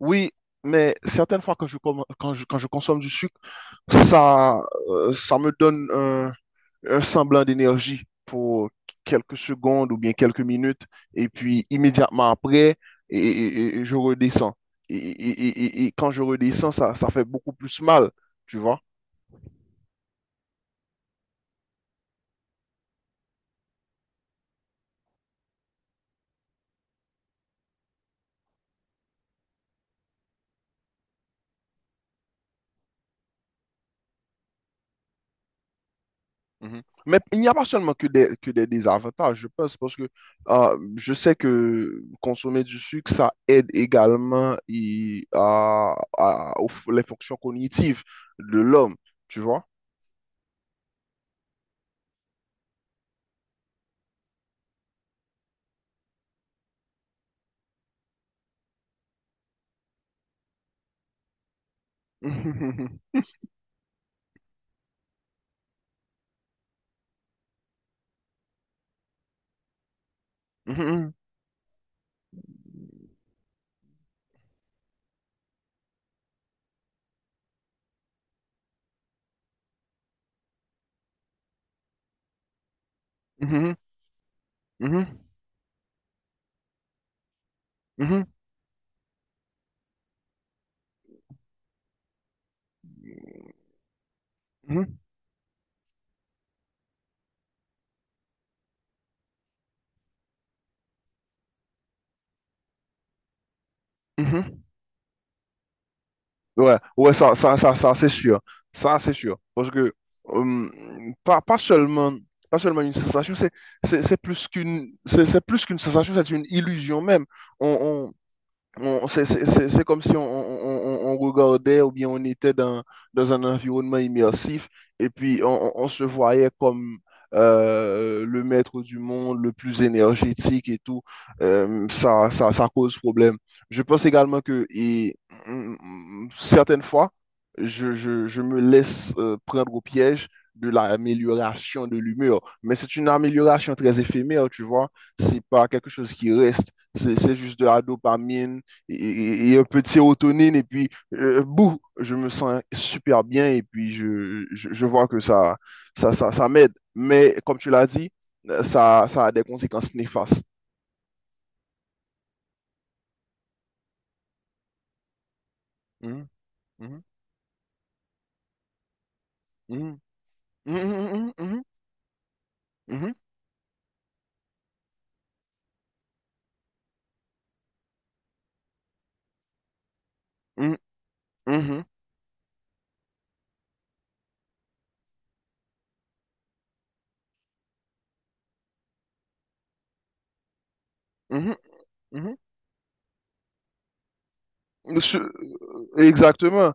Oui, mais certaines fois quand quand je consomme du sucre, ça, ça me donne un semblant d'énergie pour quelques secondes ou bien quelques minutes, et puis immédiatement après, et je redescends. Et quand je redescends, ça fait beaucoup plus mal, tu vois? Mhm. Mais il n'y a pas seulement que des désavantages, je pense, parce que je sais que consommer du sucre, ça aide également les fonctions cognitives de l'homme, tu vois? Mhm, mhm, mhm, mhm, mhm, mhm, mhm, mhm, mhm. Ouais, ouais, ça, c'est sûr. Ça, c'est sûr. Parce que hum, pas seulement, pas seulement une sensation, c'est plus c'est plus qu'une sensation, c'est une illusion même. On, c'est comme si on regardait ou bien on était dans, dans un environnement immersif et puis on se voyait comme le maître du monde, le plus énergétique et tout. Ça cause problème. Je pense également que certaines fois, je me laisse prendre au piège de l'amélioration de l'humeur. Mais c'est une amélioration très éphémère, tu vois. C'est pas quelque chose qui reste. C'est juste de la dopamine et un peu de sérotonine, et puis, bouh, je me sens super bien, et puis je vois que ça m'aide. Mais comme tu l'as dit, ça a des conséquences néfastes. Mhm, mhm, mhm, mhm, mhm, mhm, mhm, mhm, mhm, mhm, mhm. Monsieur- Exactement.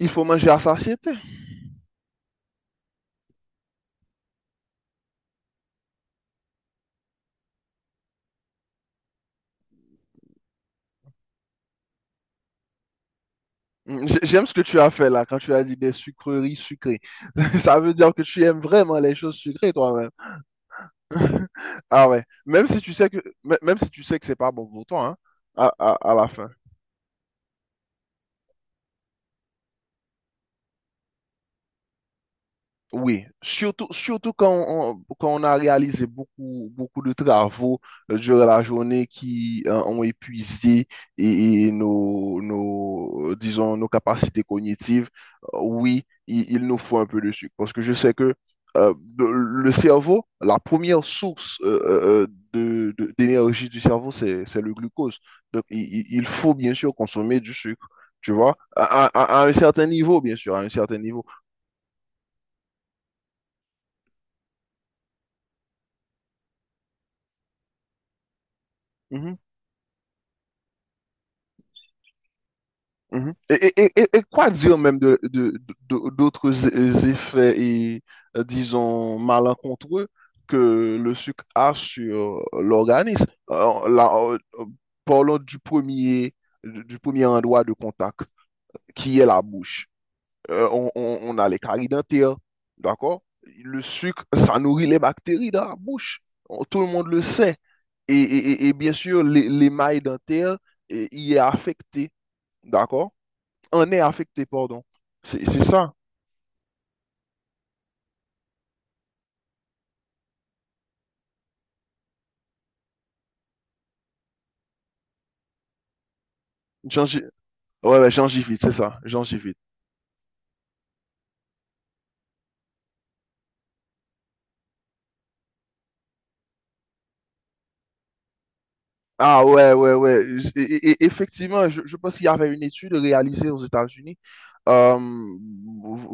Il faut manger à satiété. J'aime ce que tu as fait là, quand tu as dit des sucreries sucrées. Ça veut dire que tu aimes vraiment les choses sucrées toi-même. Ah ouais, même si tu sais que, même si tu sais que c'est pas bon pour toi, hein, à, à la fin. Oui, surtout, surtout quand on a réalisé beaucoup, beaucoup de travaux durant la journée qui ont épuisé nos, disons, nos capacités cognitives, oui, il nous faut un peu de sucre. Parce que je sais que le cerveau, la première source d'énergie du cerveau, c'est le glucose. Donc, il faut bien sûr consommer du sucre, tu vois, à un certain niveau, bien sûr, à un certain niveau. Mhm. Et quoi dire même d'autres effets disons, malencontreux que le sucre a sur l'organisme? Parlons du premier endroit de contact, qui est la bouche. On a les caries dentaires, d'accord? Le sucre, ça nourrit les bactéries dans la bouche. Tout le monde le sait. Et bien sûr, l'émail dentaire y est affecté, d'accord? On est affecté, pardon. C'est ça. Gingi- Ouais, ouais, gingivite, c'est ça, gingivite. Ah ouais, ouais, ouais. Effectivement, je pense qu'il y avait une étude réalisée aux États-Unis, euh,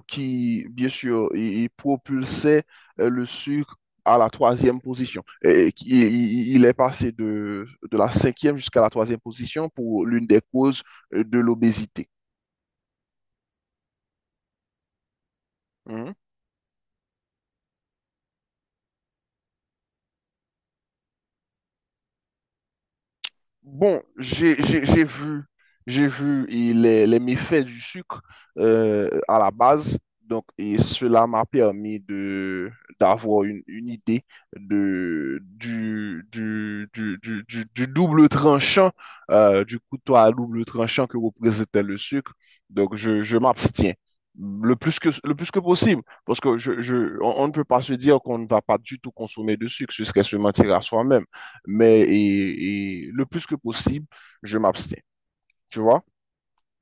qui, bien sûr, il propulsait le sucre à la troisième position. Il est passé de la cinquième jusqu'à la troisième position pour l'une des causes de l'obésité. Hein? Bon, j'ai vu les méfaits du sucre à la base. Donc, et cela m'a permis de d'avoir une idée de, du double tranchant, du couteau à double tranchant que représentait le sucre. Donc, je m'abstiens le plus que possible, parce que on ne peut pas se dire qu'on ne va pas du tout consommer de sucre, ce serait se mentir à soi-même, mais et le plus que possible, je m'abstiens. Tu vois?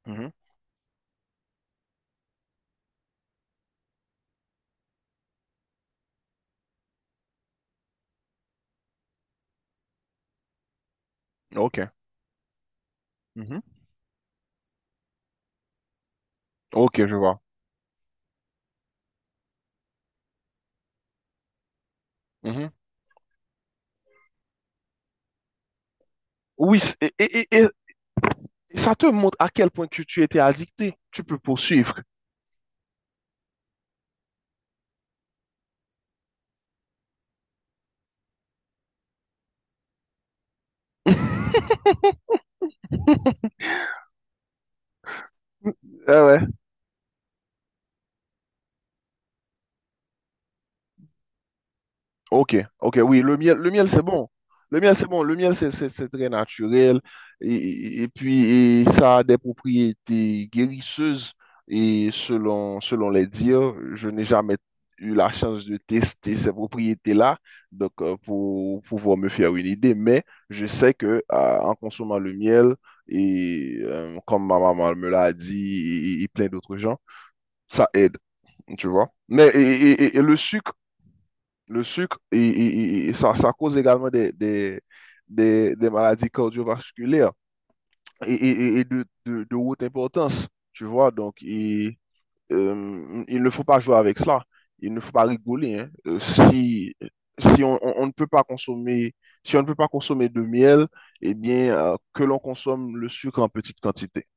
Mhm. Ok. Mhm. Ok, je vois. Mhm. Oui, et ça te montre à quel point que tu étais addicté. Tu peux poursuivre. Ah ouais. Ok, ok, oui, le miel c'est bon. Le miel c'est bon, le miel c'est très naturel et puis et ça a des propriétés guérisseuses et selon, selon les dires, je n'ai jamais eu la chance de tester ces propriétés-là donc pour pouvoir me faire une idée, mais je sais que en consommant le miel comme ma maman me l'a dit et plein d'autres gens, ça aide, tu vois. Mais et le sucre, le sucre ça cause également des maladies cardiovasculaires et de, de haute importance, tu vois. Donc, il ne faut pas jouer avec cela. Il ne faut pas rigoler, hein. Si, on ne peut pas consommer, si on ne peut pas consommer de miel, eh bien, que l'on consomme le sucre en petite quantité.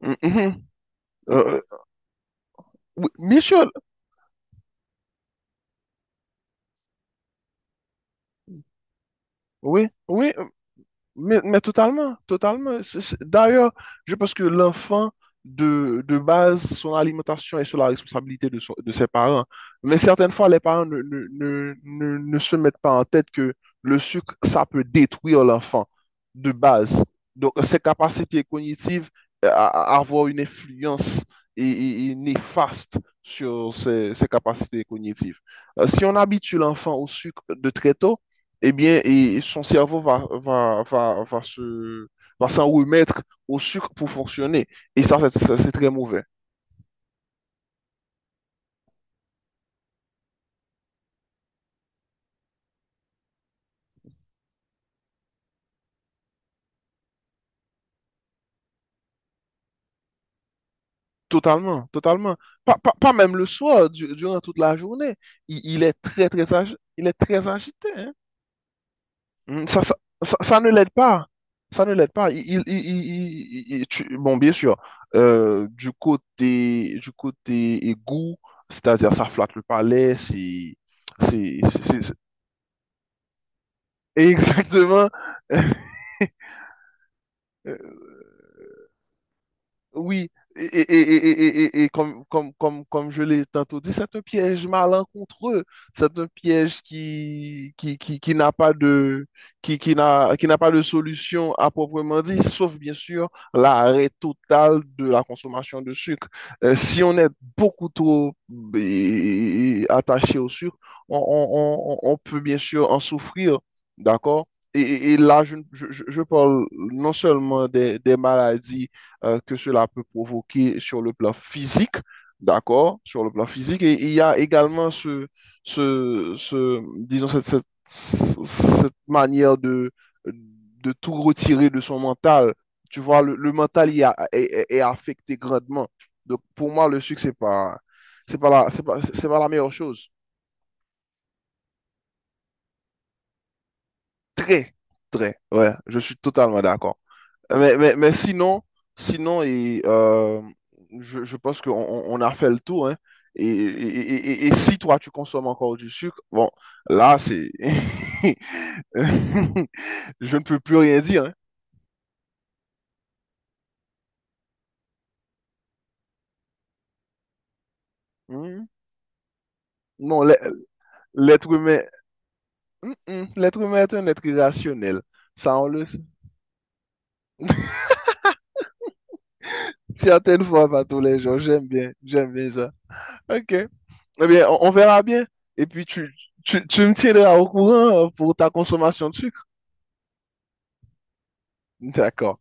Mhm. Euh, oui, bien sûr, oui, oui. Mais totalement, totalement. D'ailleurs, je pense que l'enfant, de base, son alimentation est sur la responsabilité de, de ses parents. Mais certaines fois, les parents ne se mettent pas en tête que le sucre, ça peut détruire l'enfant de base. Donc, ses capacités cognitives euh, à, à avoir une influence et néfaste sur ses, ses capacités cognitives. Si on habitue l'enfant au sucre de très tôt, eh bien, son cerveau va se, va s'en remettre au sucre pour fonctionner. Et ça, c'est très mauvais. Totalement, totalement. Pas, pas, pas même le soir, durant toute la journée. Il est très, très, il est très agité, hein. Mm, Ça, ça, Ça ne l'aide pas. Ça ne l'aide pas. Bon, bien sûr, du côté égout, c'est-à-dire ça flatte le palais, c'est... exactement. Oui, et comme, comme, comme, comme je l'ai tantôt dit, c'est un piège malencontreux. C'est un piège qui n'a pas de, qui n'a pas de solution à proprement dit, sauf bien sûr l'arrêt total de la consommation de sucre. Si on est beaucoup trop attaché au sucre, on peut bien sûr en souffrir, d'accord? Et là, je parle non seulement des maladies, que cela peut provoquer sur le plan physique, d'accord, sur le plan physique. Et il y a également ce, disons, cette manière de tout retirer de son mental. Tu vois, le mental il a- est, est- est affecté grandement. Donc, pour moi, le sucre, c'est pas la meilleure chose. Très, très, ouais, je suis totalement d'accord. Mais sinon, sinon et, euh, je pense qu'on on a fait le tour, hein. Et si toi, tu consommes encore du sucre, bon, là, c'est... Je ne peux plus rien dire, hein. Hmm. Non, l'e- L'être humain... Hmm, hmm. L'être humain est un être irrationnel. Ça, on le sait. Certaines fois, pas tous les jours. J'aime bien ça. OK. Eh bien, on verra bien. Et puis, tu me tiendras au courant pour ta consommation de sucre. D'accord.